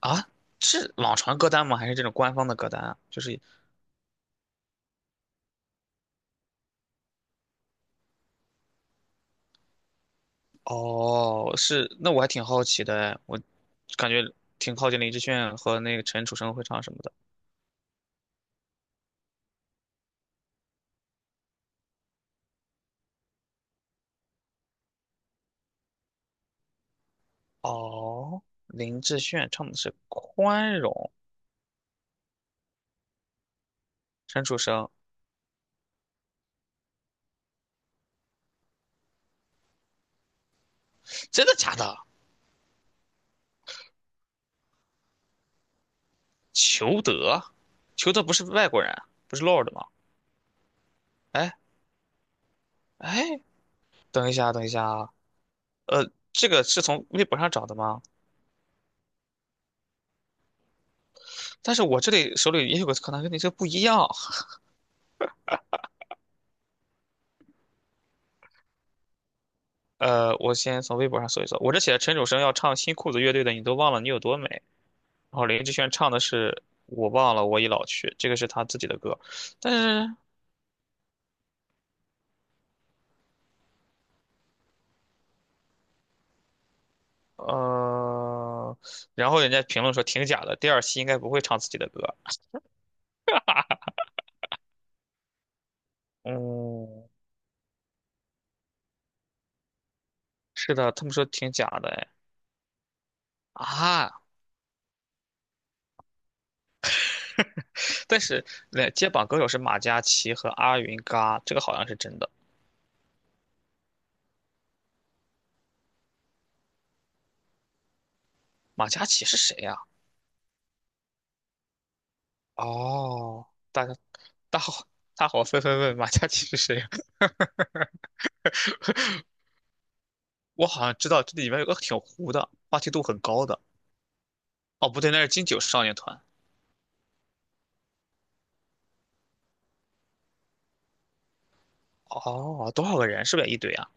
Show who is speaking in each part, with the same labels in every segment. Speaker 1: 啊，是网传歌单吗？还是这种官方的歌单啊？就是哦，是那我还挺好奇的哎，我感觉挺靠近林志炫和那个陈楚生会唱什么的。哦，林志炫唱的是《宽容》，陈楚生真的假的？裘德，裘德不是外国人啊，不是 Lord 吗？哎哎，等一下等一下啊，这个是从微博上找的吗？但是我这里手里也有个歌单，跟你这个不一样。我先从微博上搜一搜，我这写的陈楚生要唱新裤子乐队的《你都忘了你有多美》，然后林志炫唱的是《我忘了我已老去》，这个是他自己的歌，但是呃，然后人家评论说挺假的，第二期应该不会唱自己的歌，嗯，是的，他们说挺假的，哎啊，但是那接榜歌手是马嘉祺和阿云嘎，这个好像是真的，马嘉祺是谁呀，哦，大家大伙大伙纷纷问马嘉祺是谁。我好像知道这里面有个挺糊的，话题度很高的。哦，不对，那是金九少年团。哦，多少个人？是不是也一堆啊？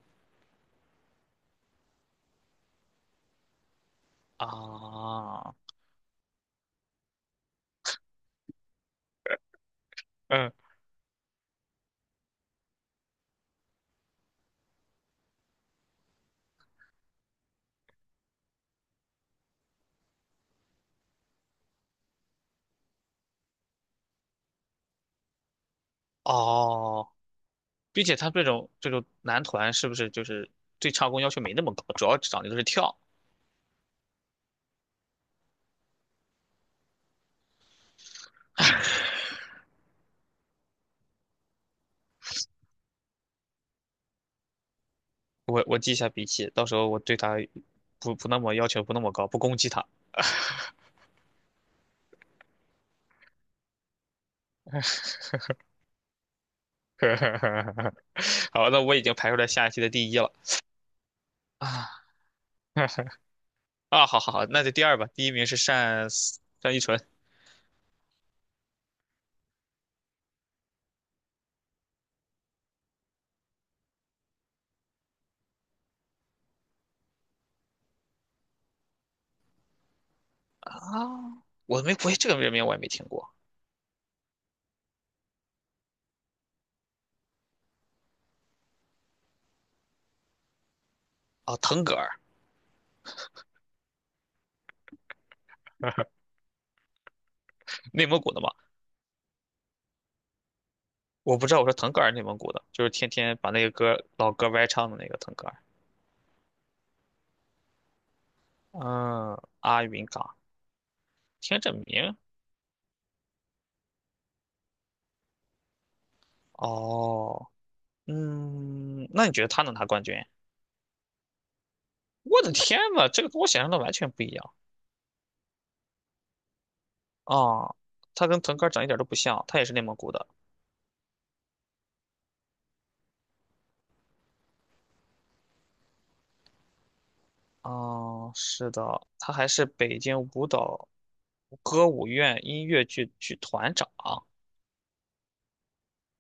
Speaker 1: 啊，嗯，哦，并且他这种男团是不是就是对唱功要求没那么高，主要讲的就是跳。我记一下笔记，到时候我对他不那么要求不那么高，不攻击他。好，那我已经排出来下一期的第一了啊 啊！好好好，那就第二吧。第一名是单依纯。啊，我没，我也这个人名我也没听过啊。腾格尔，内蒙古的嘛，我不知道。我说腾格尔，内蒙古的，就是天天把那个歌老歌歪唱的那个腾格尔。嗯，阿云嘎，听这名，哦，嗯，那你觉得他能拿冠军？我的天呐，这个跟我想象的完全不一样啊！他跟腾格尔长一点都不像，他也是内蒙古的。啊，是的，他还是北京舞蹈歌舞院音乐剧剧团长，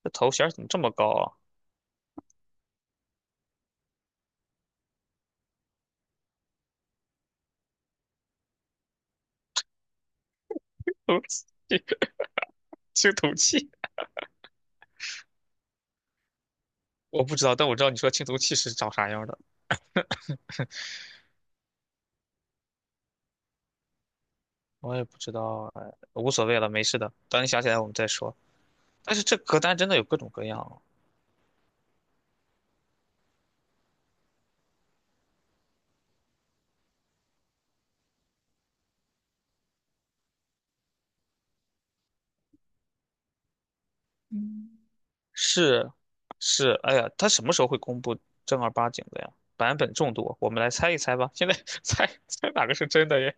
Speaker 1: 这头衔怎么这么高啊？哦，这个青铜器，我不知道，但我知道你说青铜器是长啥样的，我也不知道，哎，无所谓了，没事的。等你想起来我们再说。但是这歌单真的有各种各样啊，是是，哎呀，它什么时候会公布正儿八经的呀？版本众多，我们来猜一猜吧。现在 猜猜哪个是真的耶？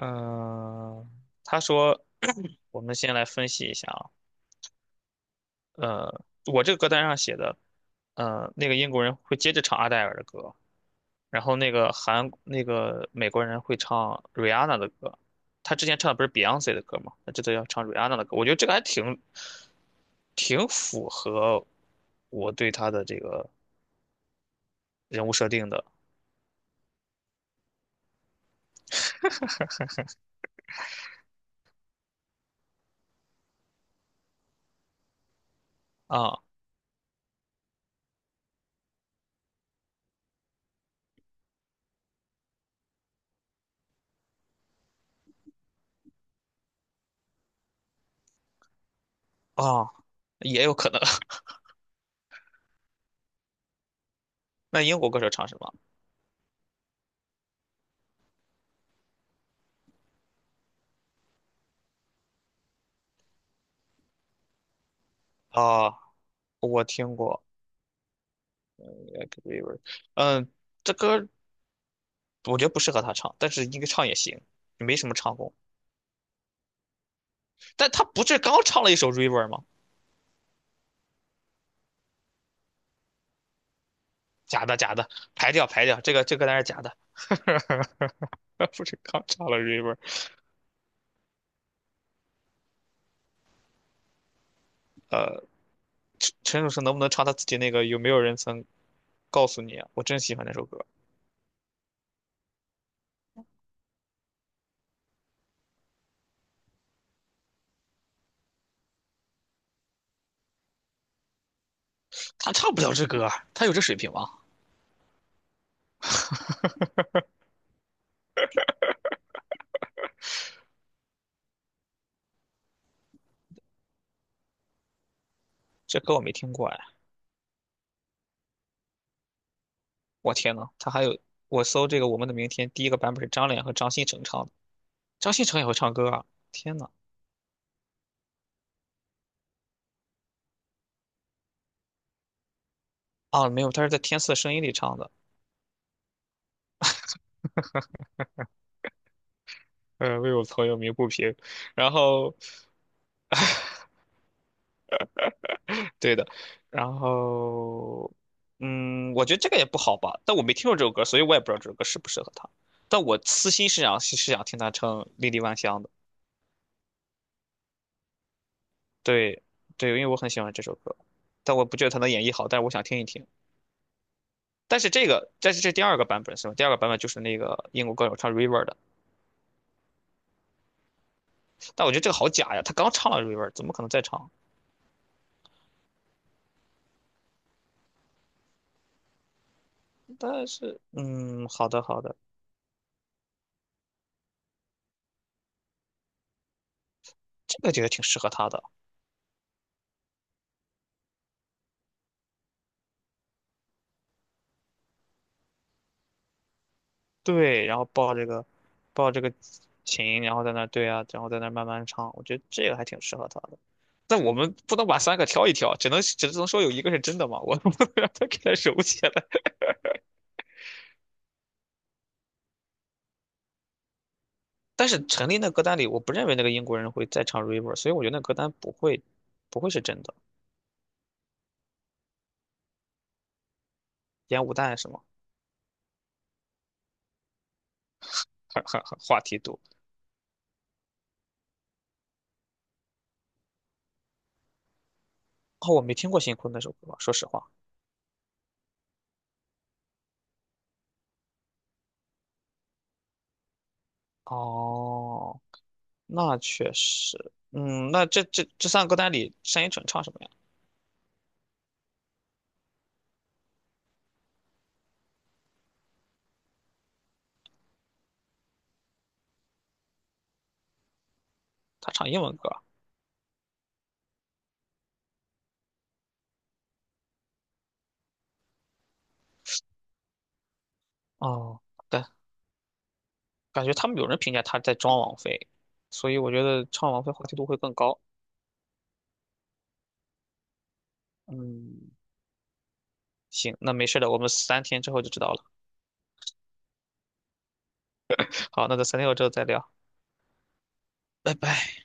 Speaker 1: 嗯，他说，我们先来分析一下啊。我这个歌单上写的，那个英国人会接着唱阿黛尔的歌，然后那个韩那个美国人会唱 Rihanna 的歌，他之前唱的不是 Beyonce 的歌吗？他这次要唱 Rihanna 的歌，我觉得这个还挺符合我对他的这个人物设定的啊啊，也有可能。那英国歌手唱什么啊？我听过 Like River，嗯，这歌我觉得不适合他唱，但是应该唱也行，没什么唱功。但他不是刚唱了一首 River 吗？假的假的，排掉排掉，这个单是假的。不是刚唱了 River，呃，陈楚生能不能唱他自己那个有没有人曾告诉你啊我真喜欢那首歌。他唱不了这歌啊，他有这水平吗？这歌我没听过哎，我天呐，他还有我搜这个《我们的明天》，第一个版本是张脸和张新成唱的，张新成也会唱歌啊！天呐，啊没有，他是在《天赐的声音》里唱的。为我朋友鸣不平，然后对的，然后，嗯，我觉得这个也不好吧，但我没听过这首歌，所以我也不知道这首歌适不适合他。但我私心是想听他唱《莉莉万香》的，对对，因为我很喜欢这首歌，但我不觉得他能演绎好，但是我想听一听。但是这第二个版本是吧？第二个版本就是那个英国歌手唱 River 的，但我觉得这个好假呀，他刚唱了 River，怎么可能再唱？但是，嗯，好的好的，这个觉得挺适合他的。对，然后抱这个琴，然后在那儿对啊，然后在那儿慢慢唱，我觉得这个还挺适合他的。但我们不能把三个挑一挑，只能说有一个是真的嘛，我 不能让他给他揉起来。但是陈粒那歌单里，我不认为那个英国人会再唱 River，所以我觉得那歌单不会是真的。烟雾弹是吗？很话题多。哦，我没听过新坤那首歌，说实话。哦，那确实，嗯，那这三个歌单里，单依纯唱什么呀？他唱英文歌啊。哦。对。感觉他们有人评价他在装王菲，所以我觉得唱王菲话题度会更高。嗯，行，那没事的，我们三天之后就知道了。好，那在三天后之后再聊，拜拜。